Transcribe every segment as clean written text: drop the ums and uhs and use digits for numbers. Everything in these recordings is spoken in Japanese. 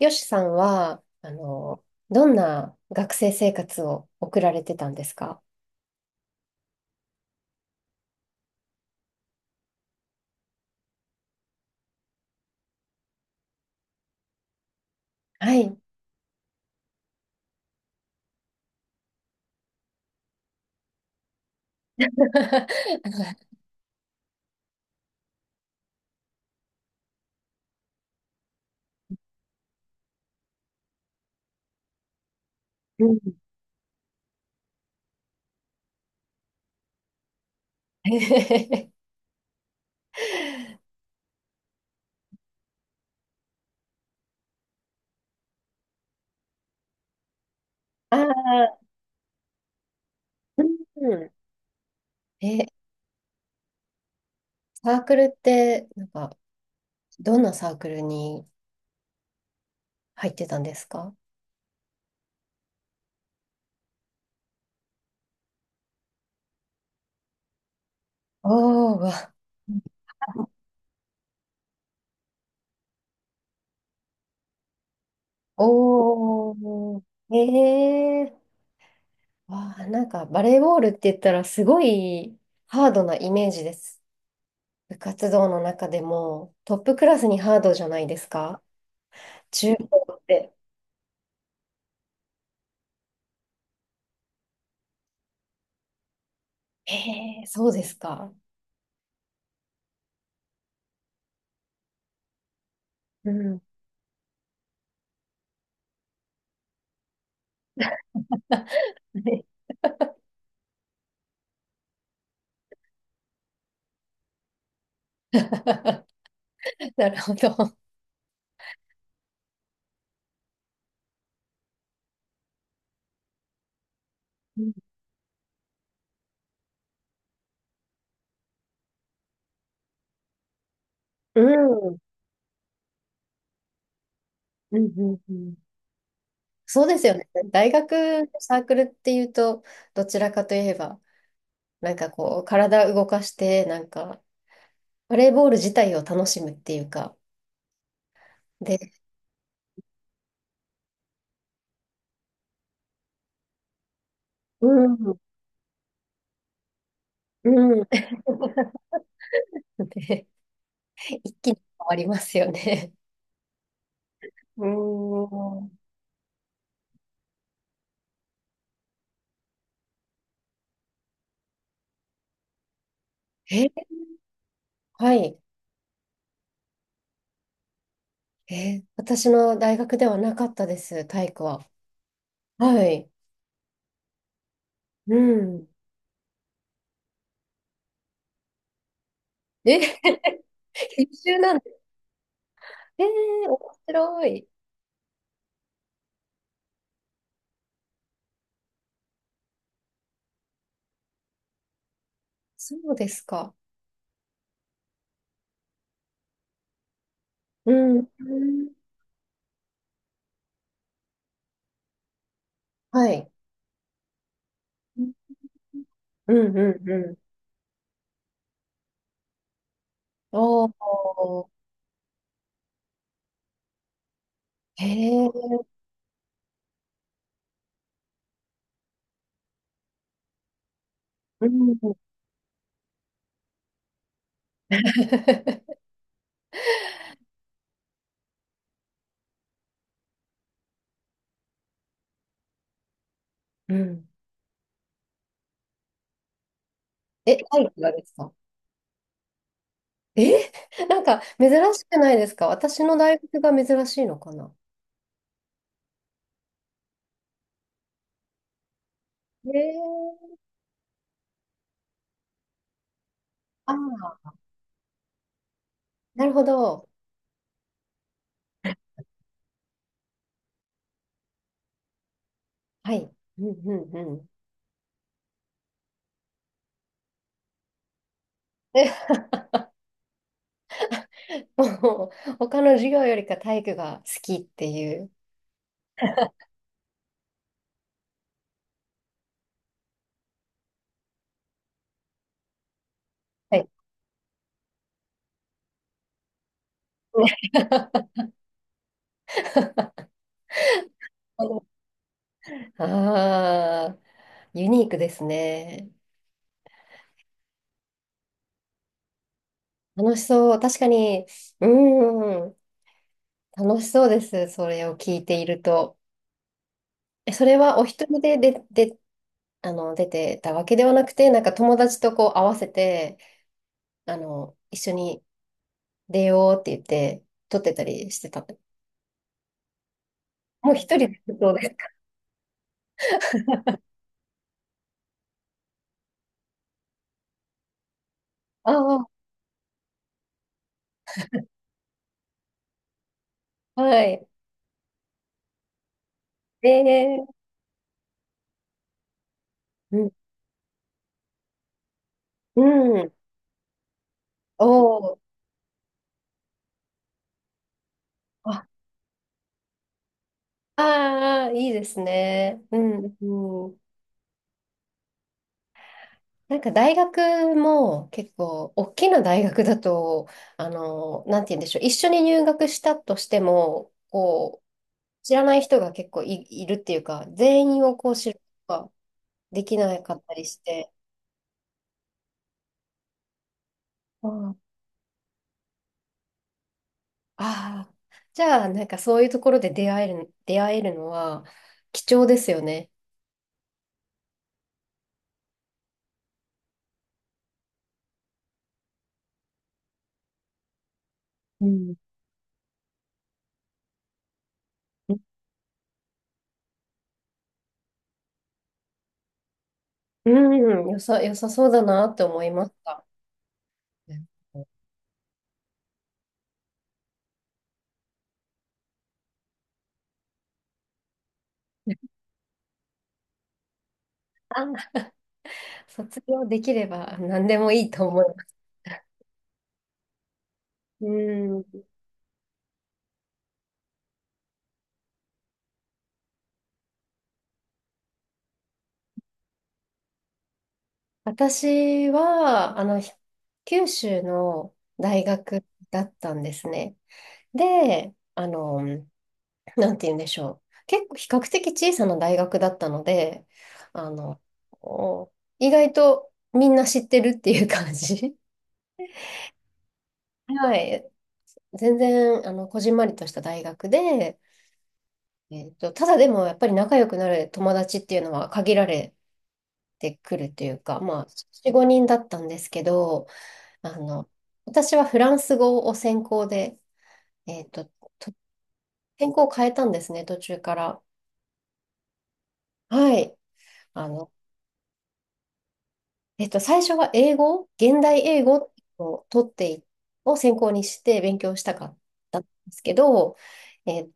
よしさんは、どんな学生生活を送られてたんですか？はい。うん。 ああ、うん。え、サークルって、なんか、どんなサークルに入ってたんですか？おー、わ、おー、えー、わあ、なんか、バレーボールって言ったら、すごいハードなイメージです。部活動の中でもトップクラスにハードじゃないですか？中高って。ええ、そうですか。うん。なるほど。うんうんうんうん。そうですよね。大学のサークルっていうと、どちらかといえば、なんかこう、体動かして、なんか、バレーボール自体を楽しむっていうか、で、うん、うん。で、一気に変わりますよね。うん。え、はい。私の大学ではなかったです、体育は。はい。うん。え、必修なんです？えー、面白い。そうですか。うん。うん、はい。うんうんうん。おー。へー、うん。うん。え、体育がですか？え、なんか珍しくないですか？私の大学が珍しいのかな？えー、ああ、なるほど。はい。うんうんうん。もう他の授業よりか体育が好きっていう。はい。ああ、ユニークですね。楽しそう。確かに、うん、楽しそうです。それを聞いていると。え、それはお一人で、出てたわけではなくて、なんか友達とこう合わせて、一緒に出ようって言って、撮ってたりしてた。もう一人で？そうですか。あ。 あ、はい。ええ、うん、うん。お、あ、あー、いいですね。うん、うん。なんか大学も結構、大きな大学だと、なんて言うんでしょう、一緒に入学したとしても、こう、知らない人が結構いるっていうか、全員をこう知ることができなかったりして、うん、ああ、じゃあ、なんかそういうところで出会えるのは貴重ですよね。うん。うん、よさそうだなって思いました。うん。 あ、卒業できれば何でもいいと思います。うん。私は、九州の大学だったんですね。で、なんて言うんでしょう。結構比較的小さな大学だったので、あの、お意外とみんな知ってるっていう感じ。はい。全然、こじんまりとした大学で、ただでもやっぱり仲良くなる友達っていうのは限られてくるというか、まあ、4、5人だったんですけど、あの、私はフランス語を専攻で、えっと、と専攻を変えたんですね、途中から。はい。あの、最初は英語、現代英語を取ってい、を専攻にして勉強したかったんですけど、えー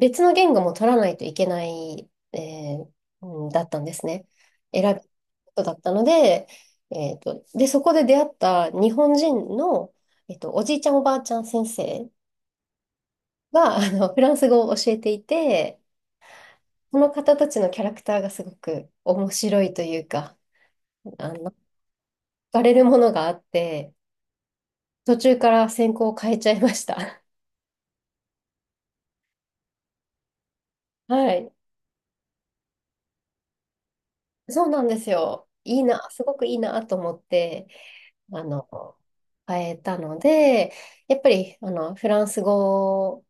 別の言語も取らないといけない、ーうんだったんですね。選ぶことだったので、で、そこで出会った日本人の、おじいちゃんおばあちゃん先生が、フランス語を教えていて、その方たちのキャラクターがすごく面白いというか、惹かれるものがあって、途中から専攻を変えちゃいました。はい。そうなんですよ。いいな、すごくいいなと思って、あの、変えたので、やっぱり、フランス語、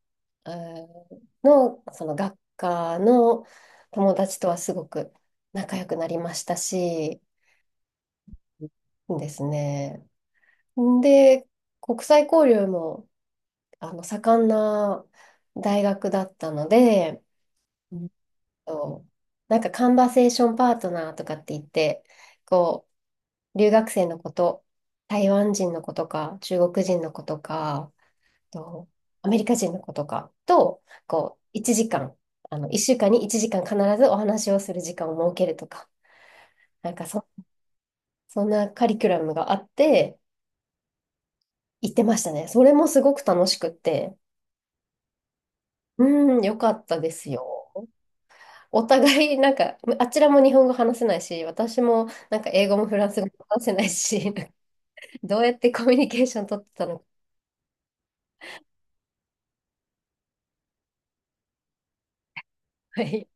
の、その学科の友達とはすごく仲良くなりましたし、ですね。で、国際交流も、盛んな大学だったので、そう、なんかカンバセーションパートナーとかって言って、こう、留学生の子と、台湾人の子とか、中国人の子とか、とアメリカ人の子とかと、こう、1時間、1週間に1時間必ずお話をする時間を設けるとか、なんかそんなカリキュラムがあって、行ってましたね。それもすごく楽しくって、うん、よかったですよ。お互い、なんか、あちらも日本語話せないし、私もなんか英語もフランス語も話せないし、どうやってコミュニケーション取ってたのか。はい。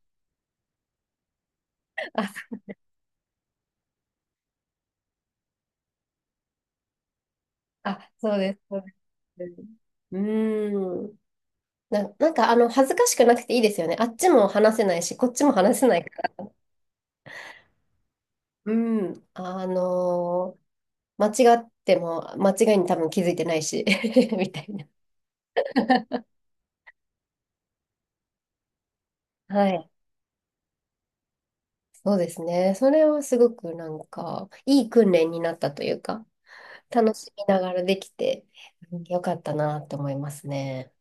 あ、そうです。そうです。うーん。なんか、恥ずかしくなくていいですよね。あっちも話せないし、こっちも話せないから。うん。間違っても、間違いに多分気づいてないし、みたいな。はい。そうですね。それはすごくなんか、いい訓練になったというか、楽しみながらできて、うん、よかったなと思いますね。